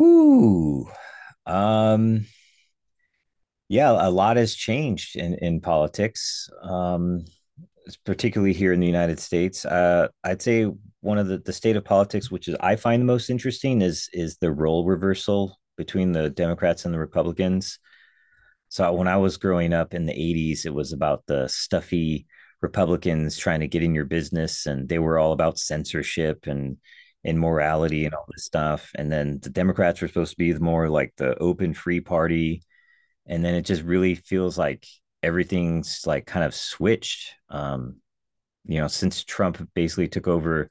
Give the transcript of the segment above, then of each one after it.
Ooh, um, yeah, a lot has changed in politics, particularly here in the United States. I'd say one of the state of politics, which is I find the most interesting, is the role reversal between the Democrats and the Republicans. So when I was growing up in the 80s, it was about the stuffy Republicans trying to get in your business, and they were all about censorship and immorality and all this stuff. And then the Democrats were supposed to be more like the open free party. And then it just really feels like everything's like kind of switched. Since Trump basically took over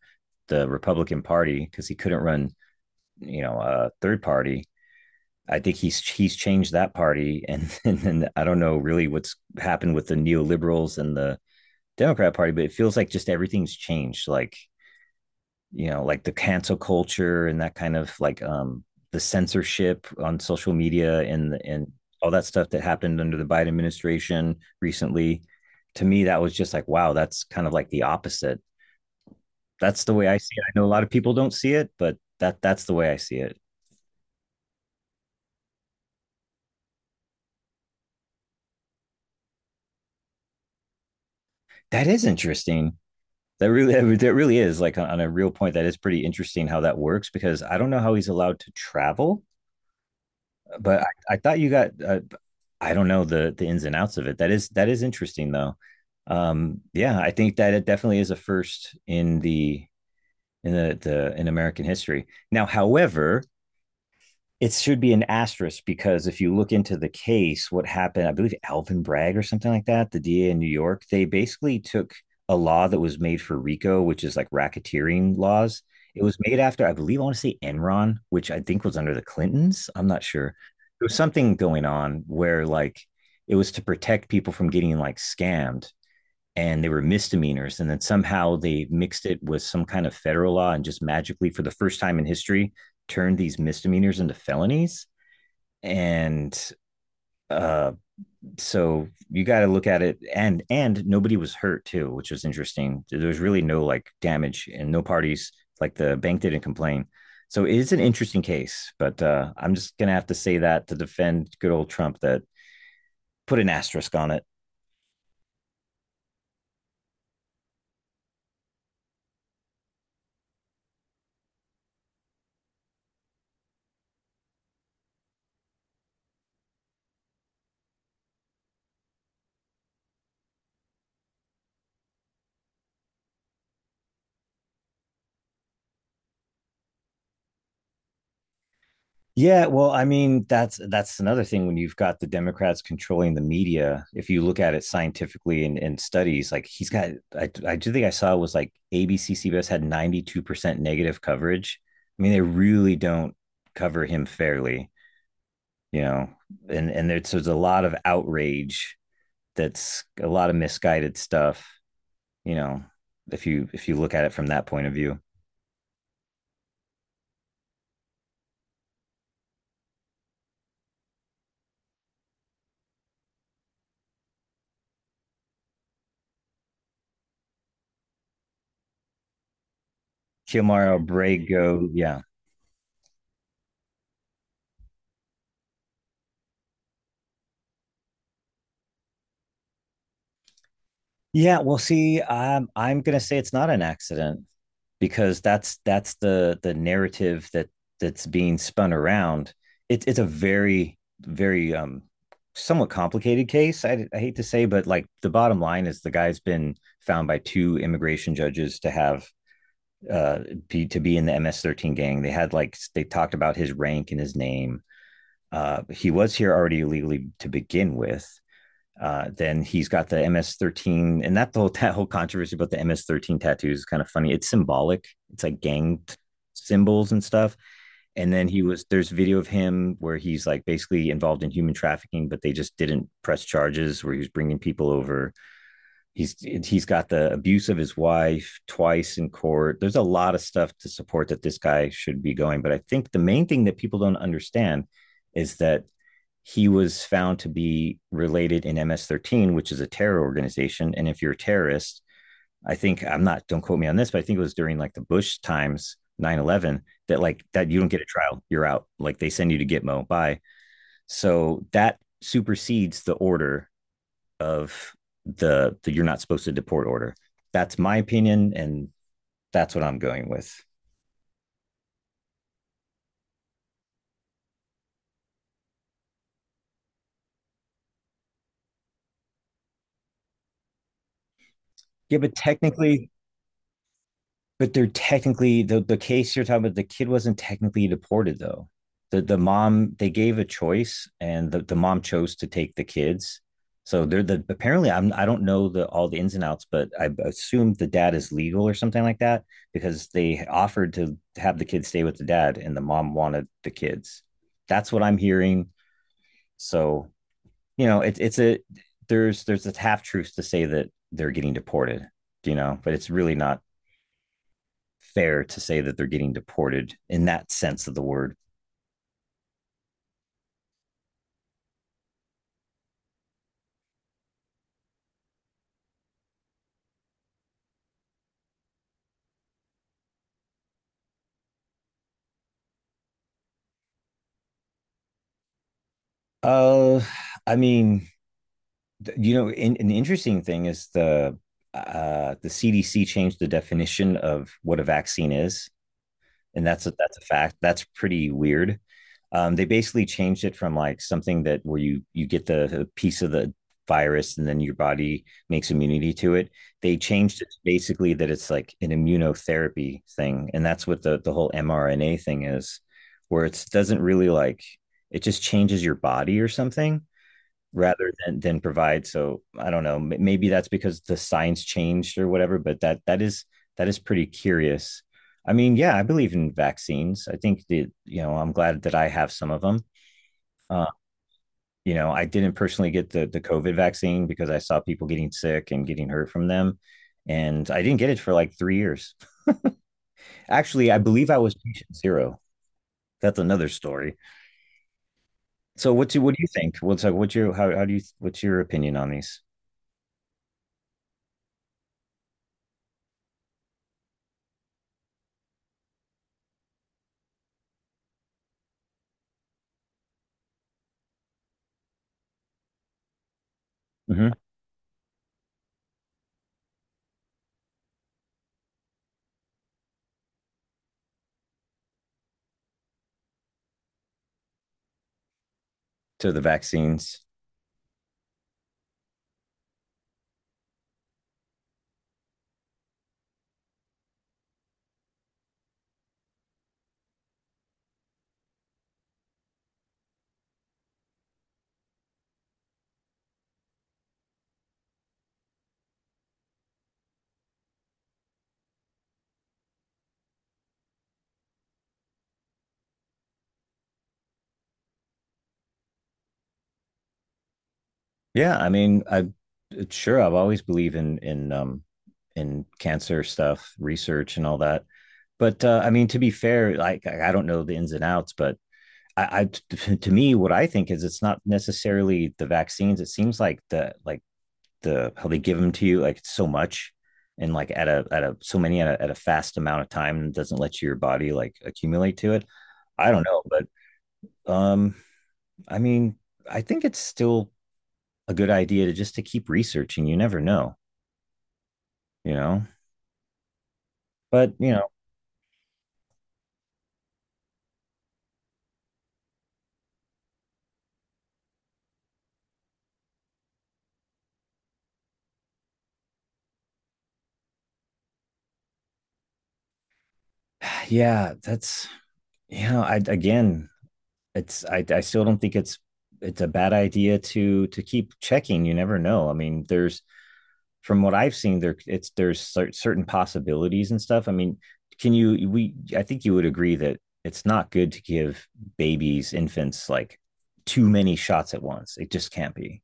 the Republican Party because he couldn't run, a third party, I think he's changed that party, and, and I don't know really what's happened with the neoliberals and the Democrat Party, but it feels like just everything's changed. Like like the cancel culture and that kind of like the censorship on social media and all that stuff that happened under the Biden administration recently. To me, that was just like wow, that's kind of like the opposite. That's the way I see it. I know a lot of people don't see it, but that's the way I see it. That is interesting. That really, that really is like on a real point. That is pretty interesting how that works because I don't know how he's allowed to travel, but I thought you got, I don't know the ins and outs of it. That is interesting though. Yeah, I think that it definitely is a first in the in American history. Now, however, it should be an asterisk because if you look into the case, what happened, I believe Alvin Bragg or something like that, the DA in New York, they basically took a law that was made for RICO, which is like racketeering laws. It was made after, I believe, I want to say Enron, which I think was under the Clintons. I'm not sure. There was something going on where like it was to protect people from getting like scammed and they were misdemeanors. And then somehow they mixed it with some kind of federal law and just magically, for the first time in history, turned these misdemeanors into felonies. And uh, so you got to look at it, and nobody was hurt too, which was interesting. There was really no like damage, and no parties like the bank didn't complain. So it is an interesting case, but I'm just gonna have to say that to defend good old Trump that put an asterisk on it. Yeah, well, I mean, that's another thing when you've got the Democrats controlling the media. If you look at it scientifically and in studies, like he's got, I do think I saw it was like ABC CBS had 92% negative coverage. I mean, they really don't cover him fairly. You know, and there's a lot of outrage. That's a lot of misguided stuff. You know, if you look at it from that point of view, Kilmar Abrego, yeah, yeah. Well, see, I'm gonna say it's not an accident because that's the narrative that that's being spun around. It's a very somewhat complicated case. I hate to say, but like the bottom line is the guy's been found by two immigration judges to have uh, to be in the MS13 gang. They had like they talked about his rank and his name. He was here already illegally to begin with. Then he's got the MS13, and that whole that whole controversy about the MS13 tattoos is kind of funny. It's symbolic. It's like gang symbols and stuff. And then he was there's video of him where he's like basically involved in human trafficking, but they just didn't press charges. Where he was bringing people over he's he's got the abuse of his wife twice in court. There's a lot of stuff to support that this guy should be going, but I think the main thing that people don't understand is that he was found to be related in MS13, which is a terror organization. And if you're a terrorist, I think I'm not don't quote me on this, but I think it was during like the bush times 9/11, that like that you don't get a trial. You're out, like they send you to gitmo, bye. So that supersedes the order of the you're not supposed to deport order. That's my opinion, and that's what I'm going with. Yeah, but technically, but they're technically the case you're talking about. The kid wasn't technically deported though. The mom they gave a choice, and the mom chose to take the kids. So they're the apparently I don't know the all the ins and outs, but I assume the dad is legal or something like that because they offered to have the kids stay with the dad, and the mom wanted the kids. That's what I'm hearing. So you know, it's a there's a half truth to say that they're getting deported, you know, but it's really not fair to say that they're getting deported in that sense of the word. Uh, I mean, you know, an interesting thing is the CDC changed the definition of what a vaccine is, and that's a fact. That's pretty weird. They basically changed it from like something that where you get the piece of the virus and then your body makes immunity to it. They changed it to basically that it's like an immunotherapy thing, and that's what the whole mRNA thing is, where it doesn't really like it just changes your body or something rather than provide. So I don't know. Maybe that's because the science changed or whatever. But that is that is pretty curious. I mean, yeah, I believe in vaccines. I think that you know I'm glad that I have some of them. Uh, you know, I didn't personally get the COVID vaccine because I saw people getting sick and getting hurt from them, and I didn't get it for like 3 years. Actually, I believe I was patient zero. That's another story. So what do you think? What's like? What's your how do you what's your opinion on these? Mhm. To the vaccines. Yeah, I mean, I sure I've always believed in in cancer stuff, research and all that. But I mean, to be fair, like I don't know the ins and outs, but to me, what I think is it's not necessarily the vaccines. It seems like the how they give them to you, like it's so much, and like at a so many at a fast amount of time doesn't let your body like accumulate to it. I don't know, but um, I mean, I think it's still a good idea to just to keep researching. You never know, you know. But you know, yeah, that's you know, it's I still don't think it's a bad idea to keep checking. You never know. I mean, there's from what I've seen, there's certain possibilities and stuff. I mean, can you we I think you would agree that it's not good to give babies infants like too many shots at once. It just can't be.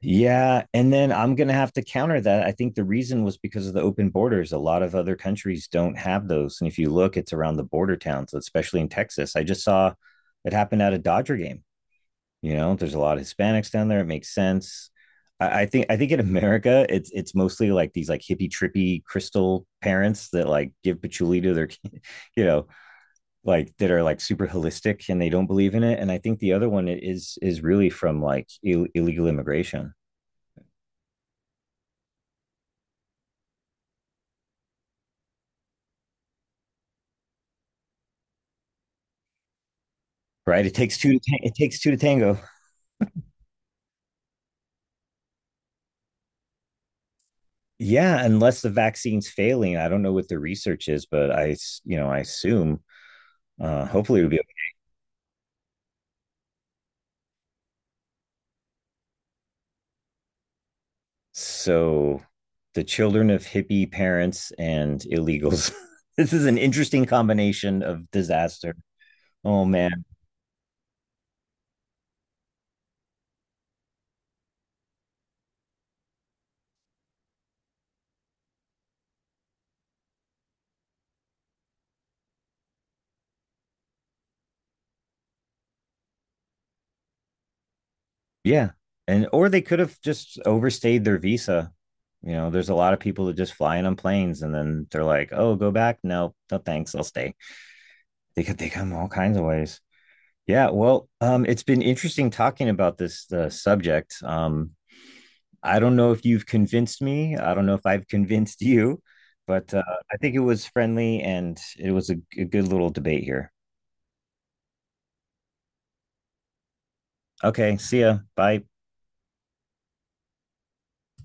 Yeah, and then I'm going to have to counter that. I think the reason was because of the open borders. A lot of other countries don't have those, and if you look, it's around the border towns, especially in Texas. I just saw it happen at a Dodger game. You know, there's a lot of Hispanics down there. It makes sense. I think in America, it's mostly like these like hippie trippy crystal parents that like give patchouli to their, kid, you know, like that are like super holistic and they don't believe in it. And I think the other one is really from like illegal immigration. Right? It takes two. It takes two to tango. Yeah, unless the vaccine's failing, I don't know what the research is, but you know, I assume hopefully it would be okay. So. The children of hippie parents and illegals. This is an interesting combination of disaster. Oh man, yeah, and or they could have just overstayed their visa. You know, there's a lot of people that just fly in on planes and then they're like, "Oh, go back? No, no, thanks, I'll stay." They come all kinds of ways. Yeah, well, it's been interesting talking about this subject. I don't know if you've convinced me. I don't know if I've convinced you, but I think it was friendly and it was a good little debate here. Okay, see ya. Bye.